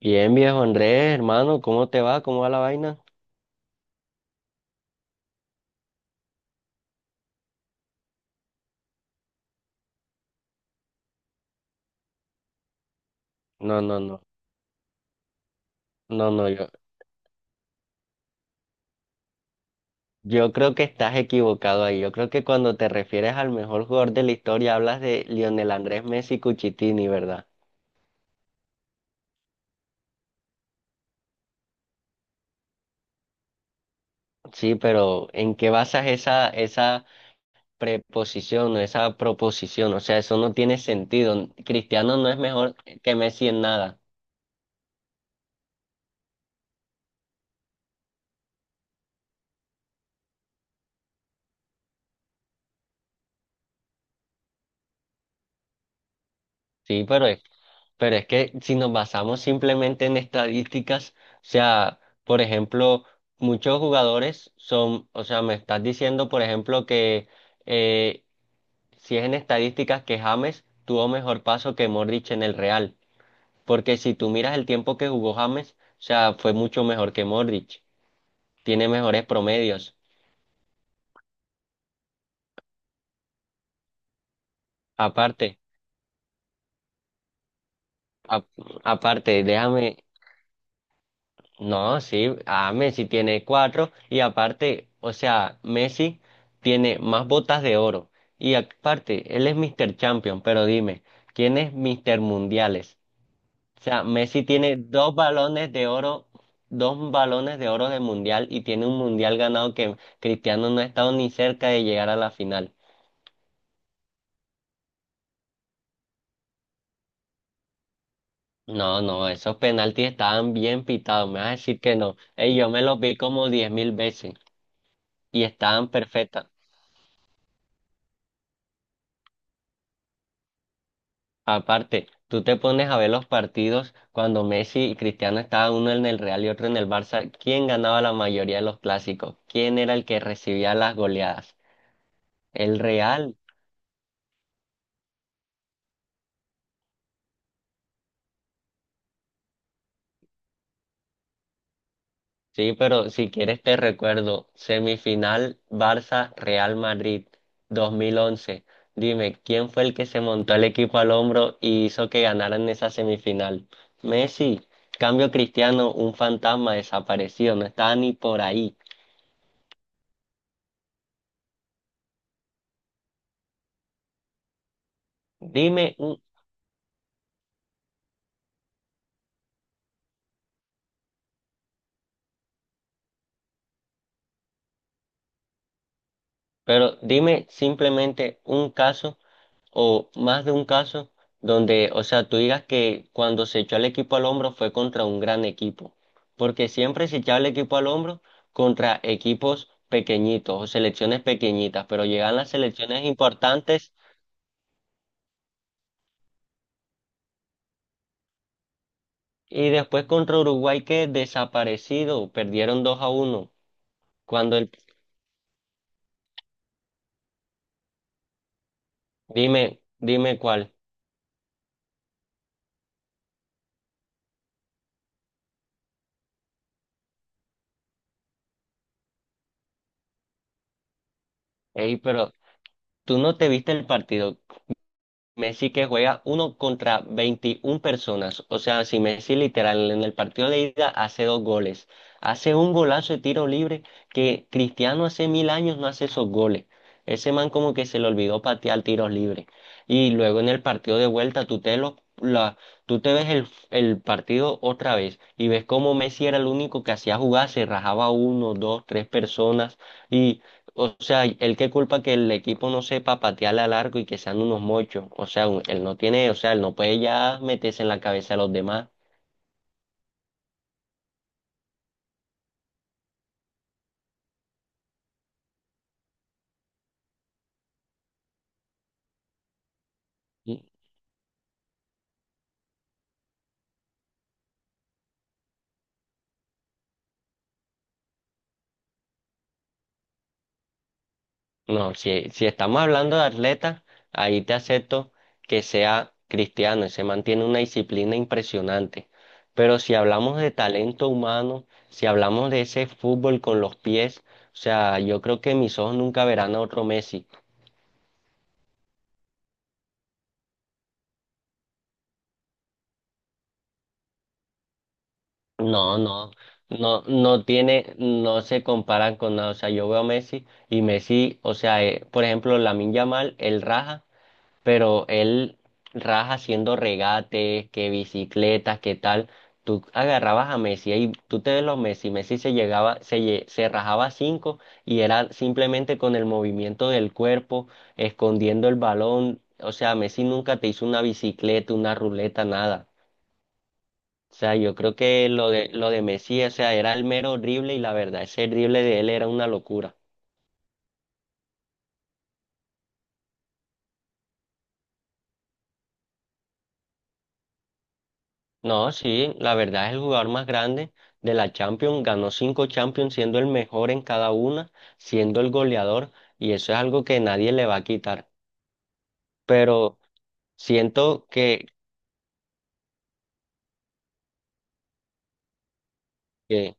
Bien, viejo Andrés, hermano, ¿cómo te va? ¿Cómo va la vaina? No, no, no, no, yo creo que estás equivocado ahí. Yo creo que cuando te refieres al mejor jugador de la historia hablas de Lionel Andrés Messi Cuchitini, ¿verdad? Sí, pero ¿en qué basas esa preposición o esa proposición? O sea, eso no tiene sentido. Cristiano no es mejor que Messi en nada. Sí, pero es. Pero es que si nos basamos simplemente en estadísticas, o sea, por ejemplo, muchos jugadores son, o sea, me estás diciendo, por ejemplo, que eh, si es en estadísticas que James tuvo mejor paso que Modric en el Real, porque si tú miras el tiempo que jugó James, o sea, fue mucho mejor que Modric, tiene mejores promedios. Aparte, ap- aparte, déjame. No, sí, a Messi tiene cuatro y aparte, o sea, Messi tiene más botas de oro y aparte, él es Mr. Champion, pero dime, ¿quién es Mr. Mundiales? O sea, Messi tiene dos balones de oro, dos balones de oro de mundial y tiene un mundial ganado que Cristiano no ha estado ni cerca de llegar a la final. No, no, esos penaltis estaban bien pitados, me vas a decir que no. Ey, yo me los vi como diez mil veces y estaban perfectas. Aparte, tú te pones a ver los partidos cuando Messi y Cristiano estaban uno en el Real y otro en el Barça. ¿Quién ganaba la mayoría de los clásicos? ¿Quién era el que recibía las goleadas? El Real. Sí, pero si quieres te recuerdo, semifinal Barça-Real Madrid 2011. Dime, ¿quién fue el que se montó el equipo al hombro y hizo que ganaran esa semifinal? Messi. Cambio Cristiano, un fantasma desaparecido, no estaba ni por ahí. Dime. Pero dime simplemente un caso o más de un caso donde, o sea, tú digas que cuando se echó el equipo al hombro fue contra un gran equipo, porque siempre se echaba el equipo al hombro contra equipos pequeñitos o selecciones pequeñitas, pero llegan las selecciones importantes y después contra Uruguay que desaparecido, perdieron 2 a uno. Cuando el, dime cuál. Ey, pero tú no te viste el partido. Messi que juega uno contra 21 personas. O sea, si Messi literal en el partido de ida hace dos goles, hace un golazo de tiro libre que Cristiano hace mil años no hace esos goles. Ese man como que se le olvidó patear tiros libres. Y luego en el partido de vuelta tú te, lo, la, tú te ves el partido otra vez y ves cómo Messi era el único que hacía jugar, se rajaba uno, dos, tres personas. O sea, él qué culpa que el equipo no sepa patearle a largo y que sean unos mochos. O sea, él no tiene, o sea, él no puede ya meterse en la cabeza de los demás. Mm, No, si estamos hablando de atletas, ahí te acepto que sea cristiano, se mantiene una disciplina impresionante. Pero si hablamos de talento humano, si hablamos de ese fútbol con los pies, o sea, yo creo que mis ojos nunca verán a otro Messi. No, no, no, no tiene, no se comparan con nada. O sea, yo veo a Messi y Messi, o sea, por ejemplo, Lamine Yamal, él raja, pero él raja haciendo regates, que bicicletas, que tal. Tú agarrabas a Messi y tú te ves los Messi, Messi se llegaba, se, se rajaba cinco y era simplemente con el movimiento del cuerpo, escondiendo el balón. O sea, Messi nunca te hizo una bicicleta, una ruleta, nada. O sea, yo creo que lo de Messi, o sea, era el mero horrible y la verdad, ese drible de él era una locura. No, sí, la verdad es el jugador más grande de la Champions, ganó cinco Champions siendo el mejor en cada una, siendo el goleador, y eso es algo que nadie le va a quitar. Pero siento que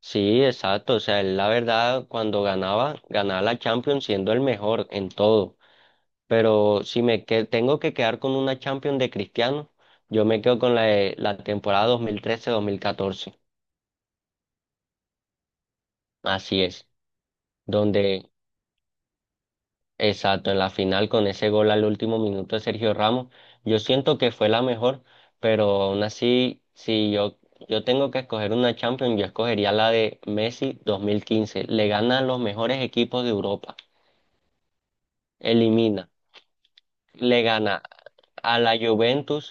sí, exacto, o sea, él la verdad cuando ganaba, ganaba la Champions siendo el mejor en todo. Pero si me tengo que quedar con una Champions de Cristiano, yo me quedo con la, la temporada 2013-2014. Así es, donde, exacto, en la final con ese gol al último minuto de Sergio Ramos, yo siento que fue la mejor, pero aún así, si yo, yo tengo que escoger una Champions, yo escogería la de Messi 2015. Le gana a los mejores equipos de Europa, elimina. Le gana a la Juventus,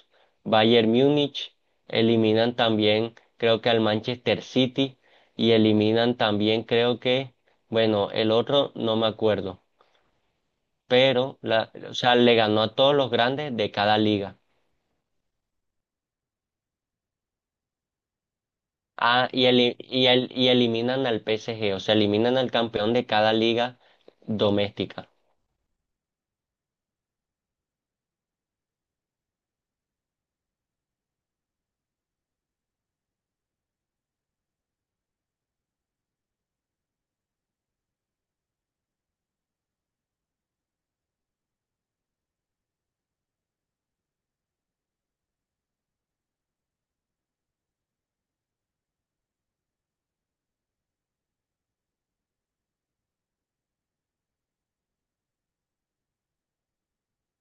Bayern Múnich, eliminan también creo que al Manchester City y eliminan también creo que, bueno, el otro no me acuerdo, pero la, o sea, le ganó a todos los grandes de cada liga. Ah, y, y eliminan al PSG, o sea, eliminan al campeón de cada liga doméstica.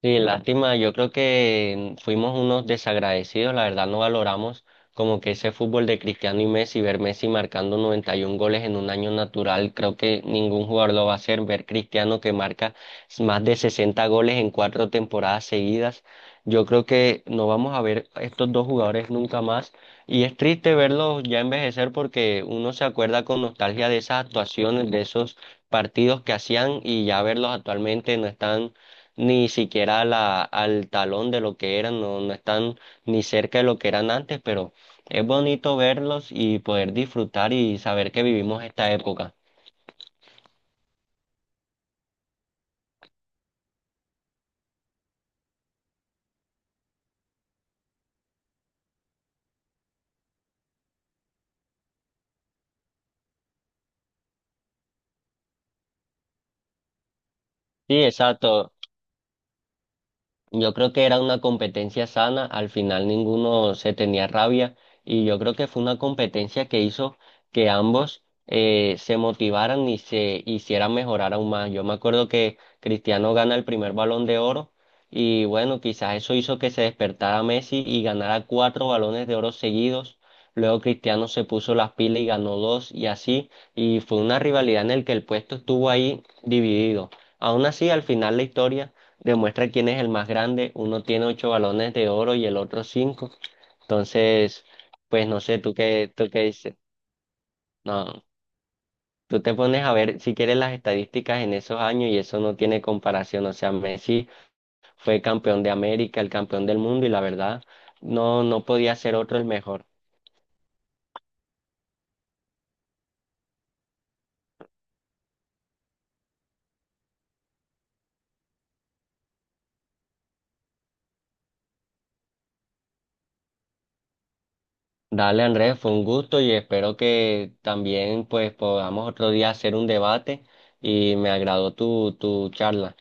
Sí, lástima, yo creo que fuimos unos desagradecidos, la verdad no valoramos como que ese fútbol de Cristiano y Messi, ver Messi marcando 91 goles en un año natural, creo que ningún jugador lo va a hacer, ver Cristiano que marca más de 60 goles en cuatro temporadas seguidas, yo creo que no vamos a ver a estos dos jugadores nunca más y es triste verlos ya envejecer porque uno se acuerda con nostalgia de esas actuaciones, de esos partidos que hacían y ya verlos actualmente no están ni siquiera a la, al talón de lo que eran, no, no están ni cerca de lo que eran antes, pero es bonito verlos y poder disfrutar y saber que vivimos esta época. Sí, exacto. Yo creo que era una competencia sana, al final ninguno se tenía rabia y yo creo que fue una competencia que hizo que ambos se motivaran y se hicieran mejorar aún más. Yo me acuerdo que Cristiano gana el primer Balón de Oro y bueno, quizás eso hizo que se despertara Messi y ganara cuatro Balones de Oro seguidos. Luego Cristiano se puso las pilas y ganó dos y así, y fue una rivalidad en el que el puesto estuvo ahí dividido. Aún así, al final la historia demuestra quién es el más grande. Uno tiene ocho balones de oro y el otro cinco. Entonces, pues no sé, tú qué dices. No, tú te pones a ver si quieres las estadísticas en esos años y eso no tiene comparación. O sea, Messi fue campeón de América, el campeón del mundo y la verdad, no, no podía ser otro el mejor. Dale, Andrés, fue un gusto y espero que también pues podamos otro día hacer un debate y me agradó tu, tu charla.